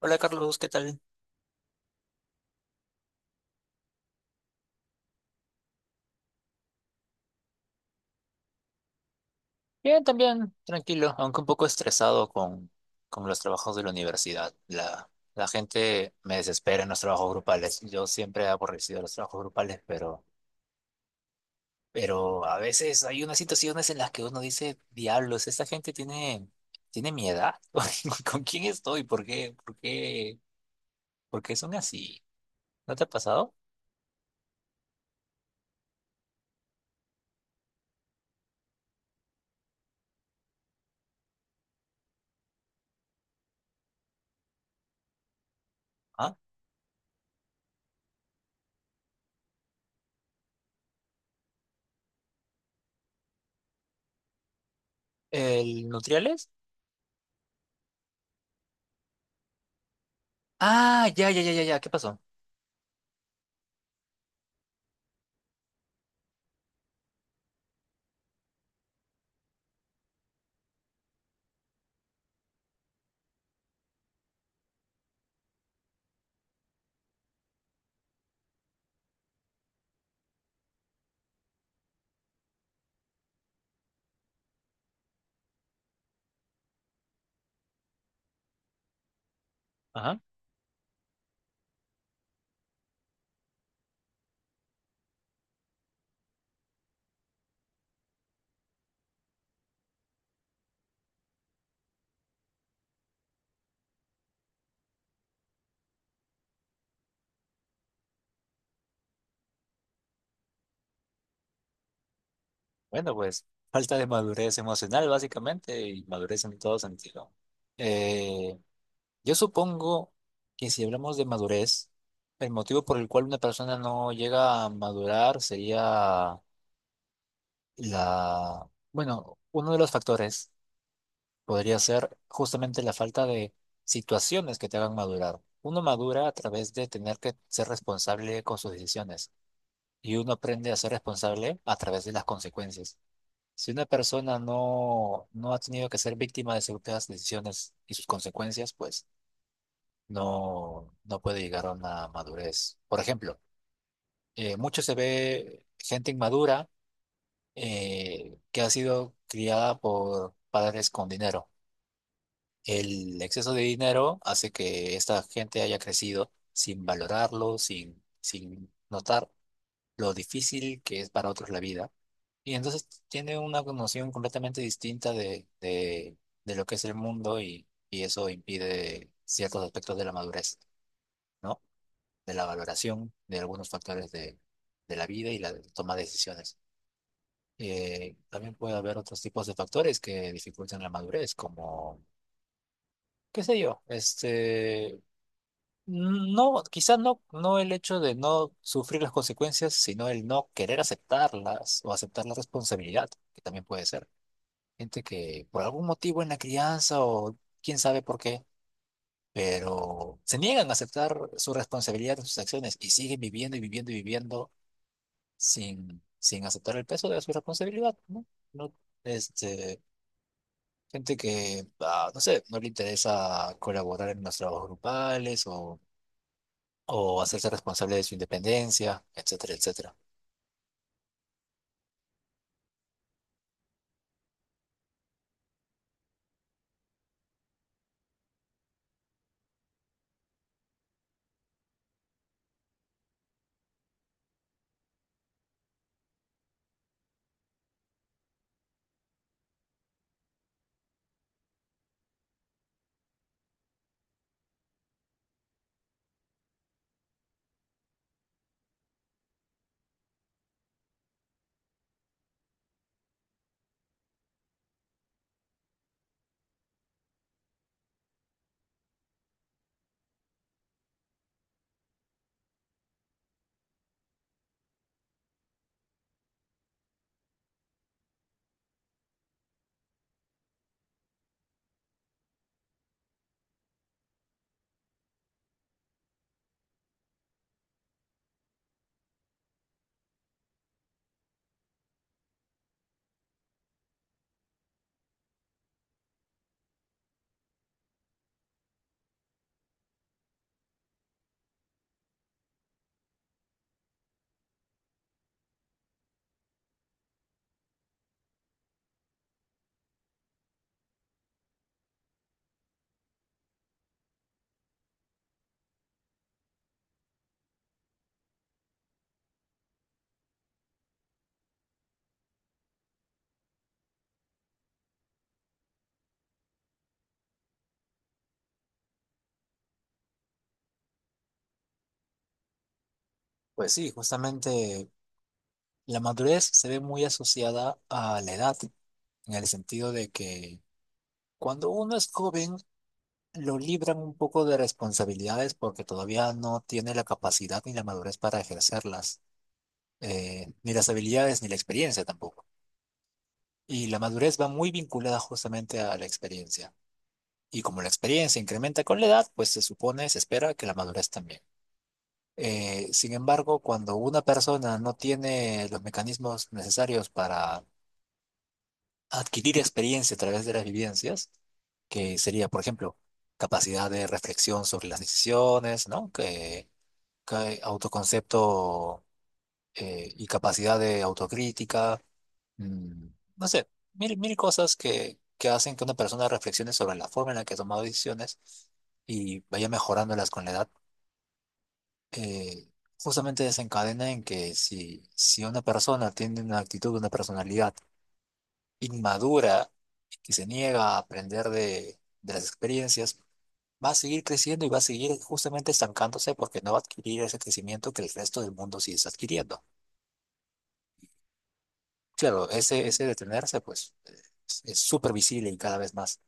Hola Carlos, ¿qué tal? Bien, también, tranquilo, aunque un poco estresado con los trabajos de la universidad. La gente me desespera en los trabajos grupales. Yo siempre he aborrecido los trabajos grupales, pero a veces hay unas situaciones en las que uno dice, diablos, esta gente tiene mi edad. ¿Con quién estoy? ¿Por qué? ¿Por qué? ¿Por qué son así? ¿No te ha pasado? ¿Ah? ¿El Nutriales? Ah, ya, ya, ya, ya, ya. ¿Qué pasó? Bueno, pues falta de madurez emocional básicamente y madurez en todo sentido. Eh, yo supongo que si hablamos de madurez, el motivo por el cual una persona no llega a madurar sería bueno, uno de los factores podría ser justamente la falta de situaciones que te hagan madurar. Uno madura a través de tener que ser responsable con sus decisiones y uno aprende a ser responsable a través de las consecuencias. Si una persona no ha tenido que ser víctima de ciertas decisiones y sus consecuencias, pues no puede llegar a una madurez. Por ejemplo, mucho se ve gente inmadura que ha sido criada por padres con dinero. El exceso de dinero hace que esta gente haya crecido sin valorarlo, sin notar lo difícil que es para otros la vida. Y entonces tiene una noción completamente distinta de lo que es el mundo y eso impide ciertos aspectos de la madurez, ¿no? De la valoración de algunos factores de la vida y la toma de decisiones. También puede haber otros tipos de factores que dificultan la madurez, qué sé yo, no, quizás no, no el hecho de no sufrir las consecuencias, sino el no querer aceptarlas o aceptar la responsabilidad, que también puede ser. Gente que por algún motivo en la crianza o quién sabe por qué, pero se niegan a aceptar su responsabilidad de sus acciones y siguen viviendo y viviendo y viviendo sin aceptar el peso de su responsabilidad, ¿no? No, este, gente que, no sé, no le interesa colaborar en los trabajos grupales o hacerse responsable de su independencia, etcétera, etcétera. Pues sí, justamente la madurez se ve muy asociada a la edad, en el sentido de que cuando uno es joven, lo libran un poco de responsabilidades porque todavía no tiene la capacidad ni la madurez para ejercerlas, ni las habilidades ni la experiencia tampoco. Y la madurez va muy vinculada justamente a la experiencia. Y como la experiencia incrementa con la edad, pues se supone, se espera que la madurez también. Sin embargo, cuando una persona no tiene los mecanismos necesarios para adquirir experiencia a través de las vivencias, que sería, por ejemplo, capacidad de reflexión sobre las decisiones, ¿no? Que autoconcepto y capacidad de autocrítica, mm, no sé, mil cosas que hacen que una persona reflexione sobre la forma en la que ha tomado decisiones y vaya mejorándolas con la edad. eh, Justamente desencadena en que si una persona tiene una actitud, una personalidad, inmadura que se niega a aprender de las experiencias, va a seguir creciendo y va a seguir justamente estancándose porque no va a adquirir ese crecimiento que el resto del mundo sí está adquiriendo. Claro, ese detenerse, pues, es súper visible y cada vez más.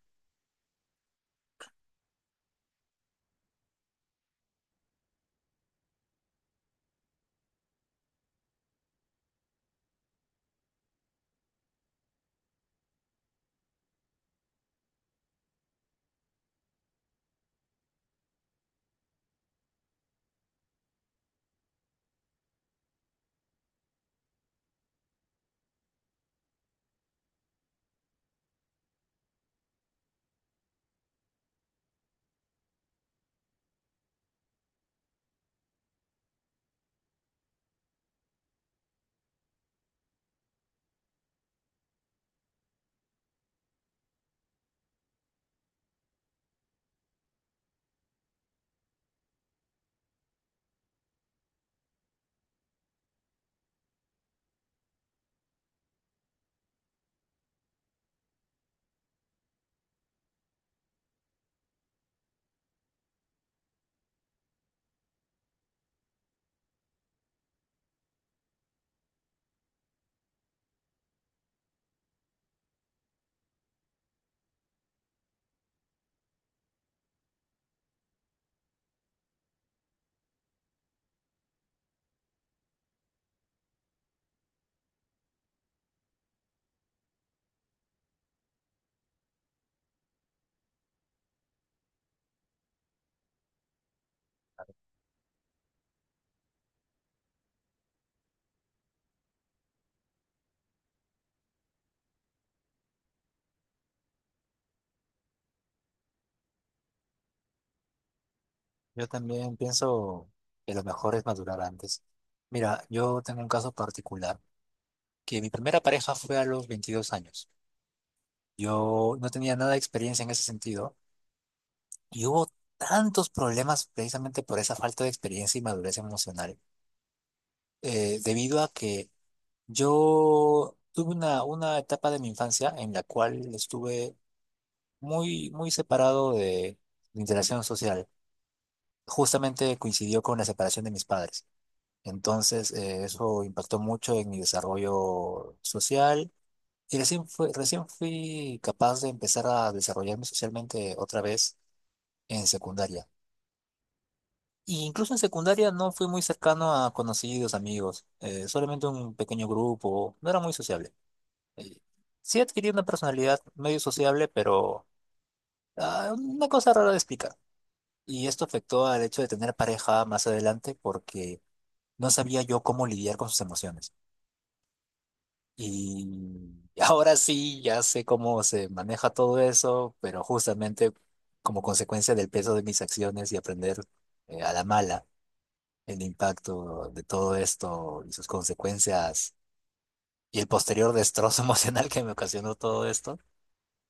Yo también pienso que lo mejor es madurar antes. Mira, yo tengo un caso particular, que mi primera pareja fue a los 22 años. Yo no tenía nada de experiencia en ese sentido. Y hubo tantos problemas precisamente por esa falta de experiencia y madurez emocional, debido a que yo tuve una etapa de mi infancia en la cual estuve muy separado de la interacción social. Justamente coincidió con la separación de mis padres. Entonces, eso impactó mucho en mi desarrollo social. Y recién fui capaz de empezar a desarrollarme socialmente otra vez en secundaria. Y incluso en secundaria no fui muy cercano a conocidos, amigos, solamente un pequeño grupo, no era muy sociable. Eh, sí adquirí una personalidad medio sociable, pero ah, una cosa rara de explicar. Y esto afectó al hecho de tener pareja más adelante porque no sabía yo cómo lidiar con sus emociones. Y ahora sí, ya sé cómo se maneja todo eso, pero justamente como consecuencia del peso de mis acciones y aprender a la mala. El impacto de todo esto y sus consecuencias y el posterior destrozo emocional que me ocasionó todo esto,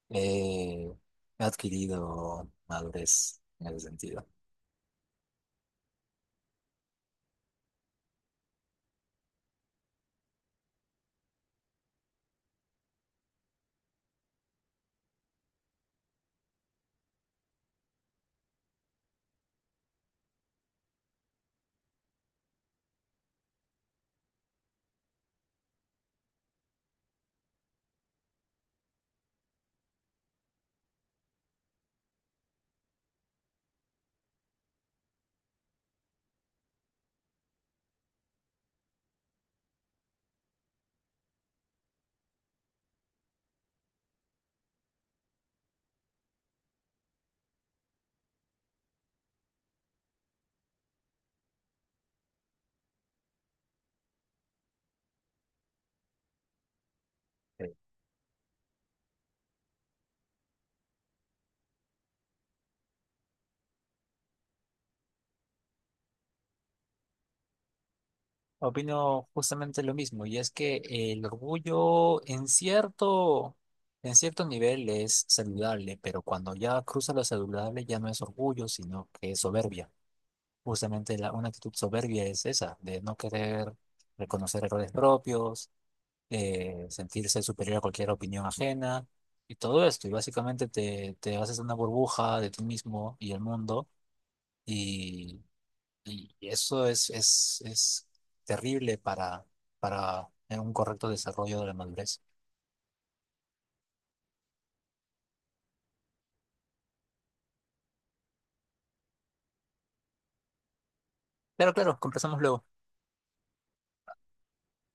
eh, he adquirido madurez en ese sentido. Eh, Opino justamente lo mismo, y es que el orgullo en cierto nivel es saludable, pero cuando ya cruza lo saludable ya no es orgullo, sino que es soberbia. Justamente una actitud soberbia es esa, de no querer reconocer errores propios, sentirse superior a cualquier opinión ajena y todo esto. Y básicamente te haces una burbuja de ti mismo y el mundo y, y es terrible para un correcto desarrollo de la madurez. Pero claro, conversamos luego.